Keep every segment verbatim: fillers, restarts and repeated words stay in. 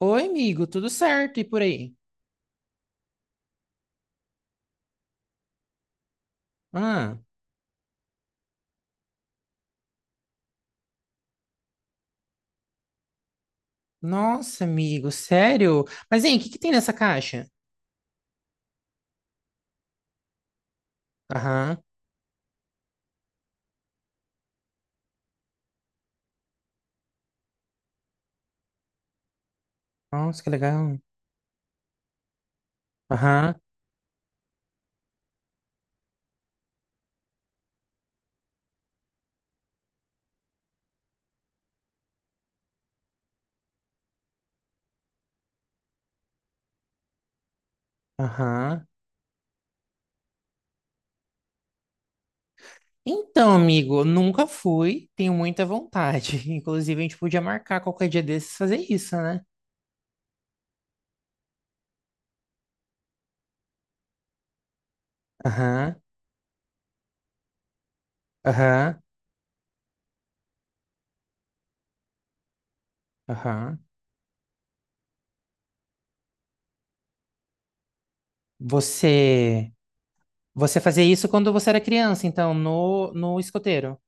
Oi, amigo, tudo certo? E por aí? Ah, nossa, amigo, sério? Mas, hein, o que que tem nessa caixa? Aham. Nossa, que legal. Aham, aham. Então, amigo, nunca fui, tenho muita vontade. Inclusive, a gente podia marcar qualquer dia desses fazer isso, né? Aham, aham, aham. Você, você fazia isso quando você era criança, então, no, no escoteiro.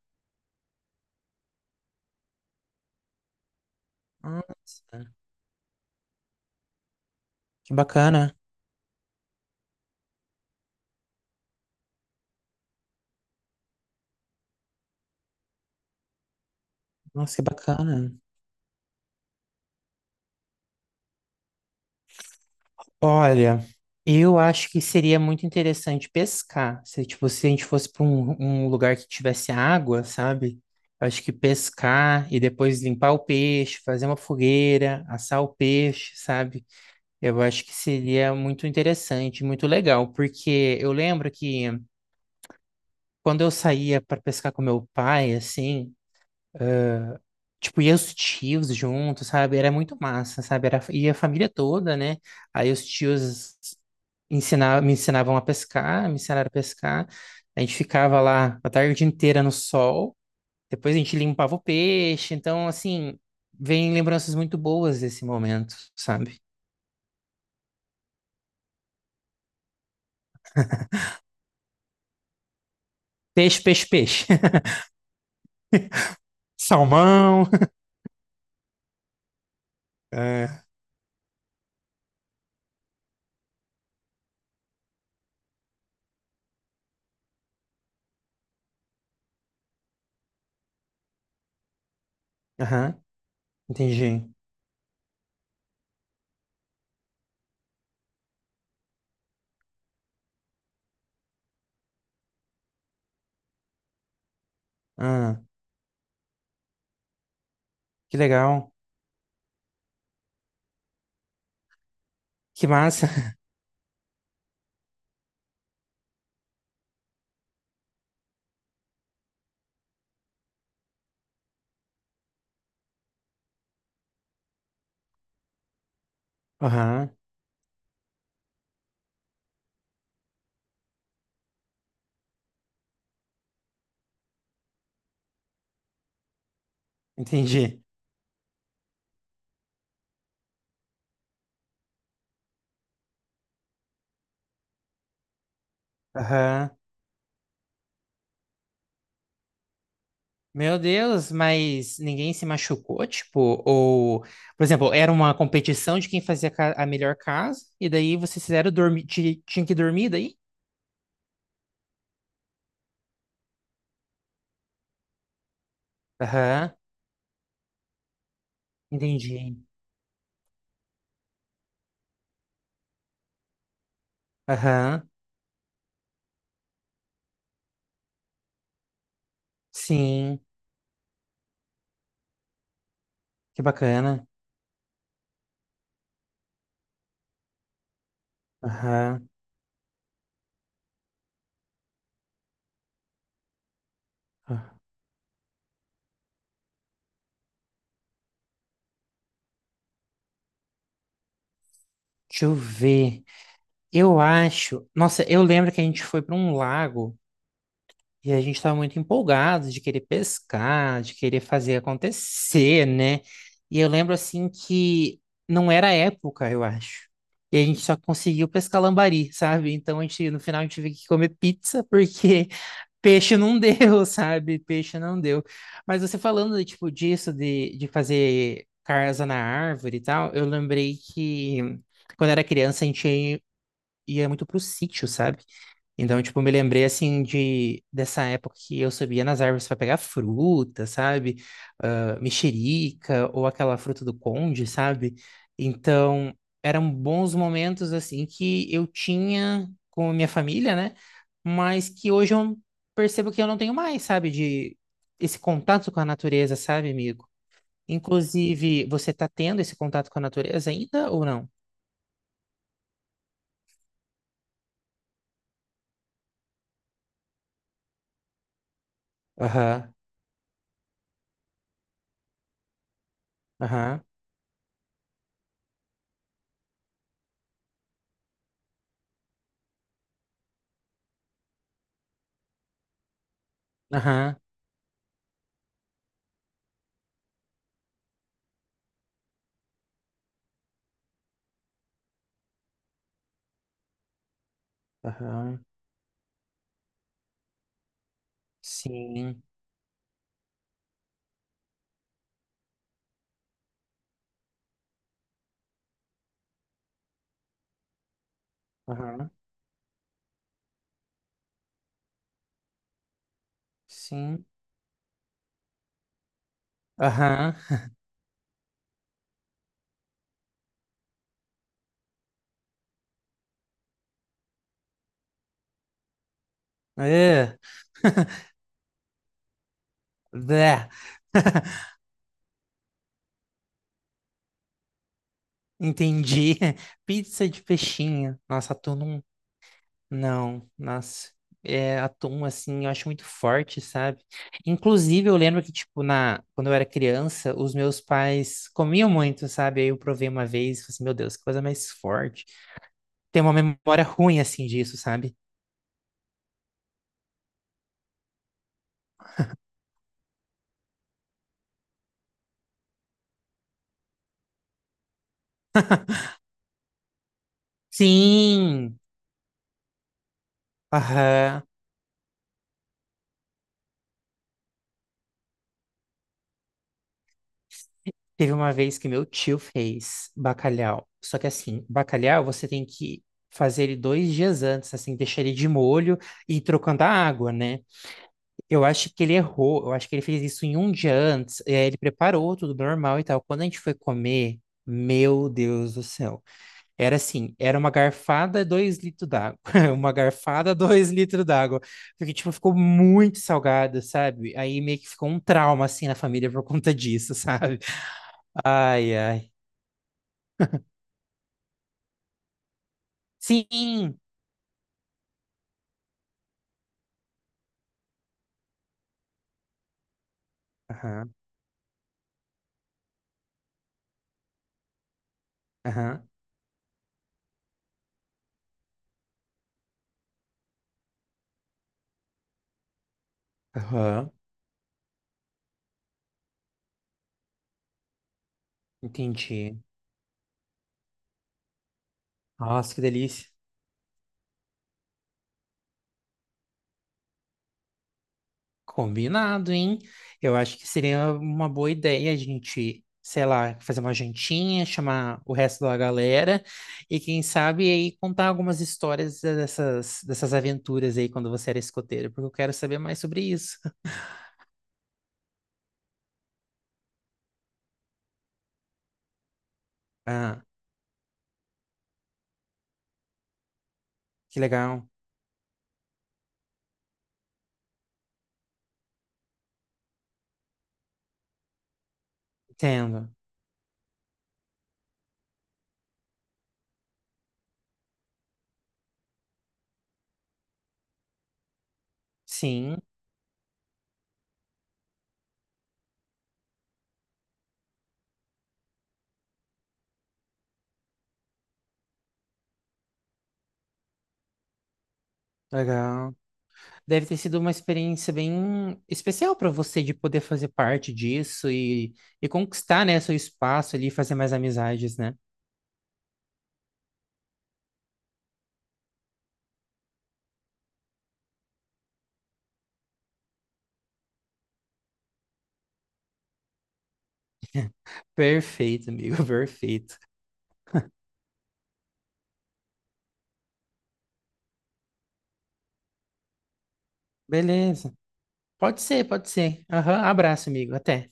Nossa, que bacana. Nossa, que bacana. Olha, eu acho que seria muito interessante pescar. Se, tipo, se a gente fosse para um, um lugar que tivesse água, sabe? Eu acho que pescar e depois limpar o peixe, fazer uma fogueira, assar o peixe, sabe? Eu acho que seria muito interessante, muito legal, porque eu lembro que quando eu saía para pescar com meu pai, assim, tipo, ia os tios juntos, sabe? Era muito massa, sabe? Era, ia a família toda, né? Aí os tios. ensinar, me ensinavam a pescar, me ensinaram a pescar. A gente ficava lá a tarde inteira no sol. Depois a gente limpava o peixe. Então, assim, vem lembranças muito boas desse momento, sabe? Peixe, peixe, peixe. Salmão. É. Aham, entendi. Ah, que legal. Que massa. Aham, entendi. Aham. Meu Deus, mas ninguém se machucou, tipo, ou, por exemplo, era uma competição de quem fazia ca- a melhor casa, e daí vocês fizeram dormir, ti- tinha que dormir daí? Aham, entendi. Aham, sim, que bacana. Aham. Ah, deixa eu ver. Eu acho, nossa, eu lembro que a gente foi para um lago. E a gente estava muito empolgado de querer pescar, de querer fazer acontecer, né? E eu lembro assim que não era a época, eu acho. E a gente só conseguiu pescar lambari, sabe? Então a gente, no final a gente teve que comer pizza porque peixe não deu, sabe? Peixe não deu. Mas você falando tipo disso de, de fazer casa na árvore e tal, eu lembrei que quando era criança a gente ia ia muito pro sítio, sabe? Então, tipo, me lembrei assim de dessa época que eu subia nas árvores para pegar fruta, sabe? Ah, mexerica ou aquela fruta do conde, sabe? Então, eram bons momentos assim que eu tinha com a minha família, né? Mas que hoje eu percebo que eu não tenho mais, sabe? De esse contato com a natureza, sabe, amigo? Inclusive, você tá tendo esse contato com a natureza ainda ou não? Aham, aham, aham, aham. Sim. Aham. Sim. Aham. É. Bé. Entendi. Pizza de peixinho. Nossa, atum não. Não, nossa. É, atum, assim, eu acho muito forte, sabe? Inclusive, eu lembro que, tipo, na... quando eu era criança, os meus pais comiam muito, sabe? Aí eu provei uma vez e falei assim, meu Deus, que coisa mais forte. Tem uma memória ruim, assim, disso, sabe? Sim! Aham. Teve uma vez que meu tio fez bacalhau. Só que assim, bacalhau você tem que fazer ele dois dias antes, assim, deixar ele de molho e ir trocando a água, né? Eu acho que ele errou, eu acho que ele fez isso em um dia antes. E aí ele preparou tudo normal e tal. Quando a gente foi comer, meu Deus do céu. Era assim, era uma garfada, dois litros d'água. Uma garfada, dois litros d'água. Porque, tipo, ficou muito salgado, sabe? Aí meio que ficou um trauma, assim, na família por conta disso, sabe? Ai, ai. Sim! Aham, aham, aham. Entendi. Nossa, que delícia. Combinado, hein? Eu acho que seria uma boa ideia a gente, sei lá, fazer uma jantinha, chamar o resto da galera e quem sabe aí contar algumas histórias dessas, dessas aventuras aí quando você era escoteiro, porque eu quero saber mais sobre isso. Ah, que legal. Entendo. Sim, legal. Deve ter sido uma experiência bem especial para você de poder fazer parte disso e, e conquistar, né, seu espaço ali e fazer mais amizades, né? Perfeito, amigo, perfeito. Beleza. Pode ser, pode ser. Aham, abraço, amigo. Até.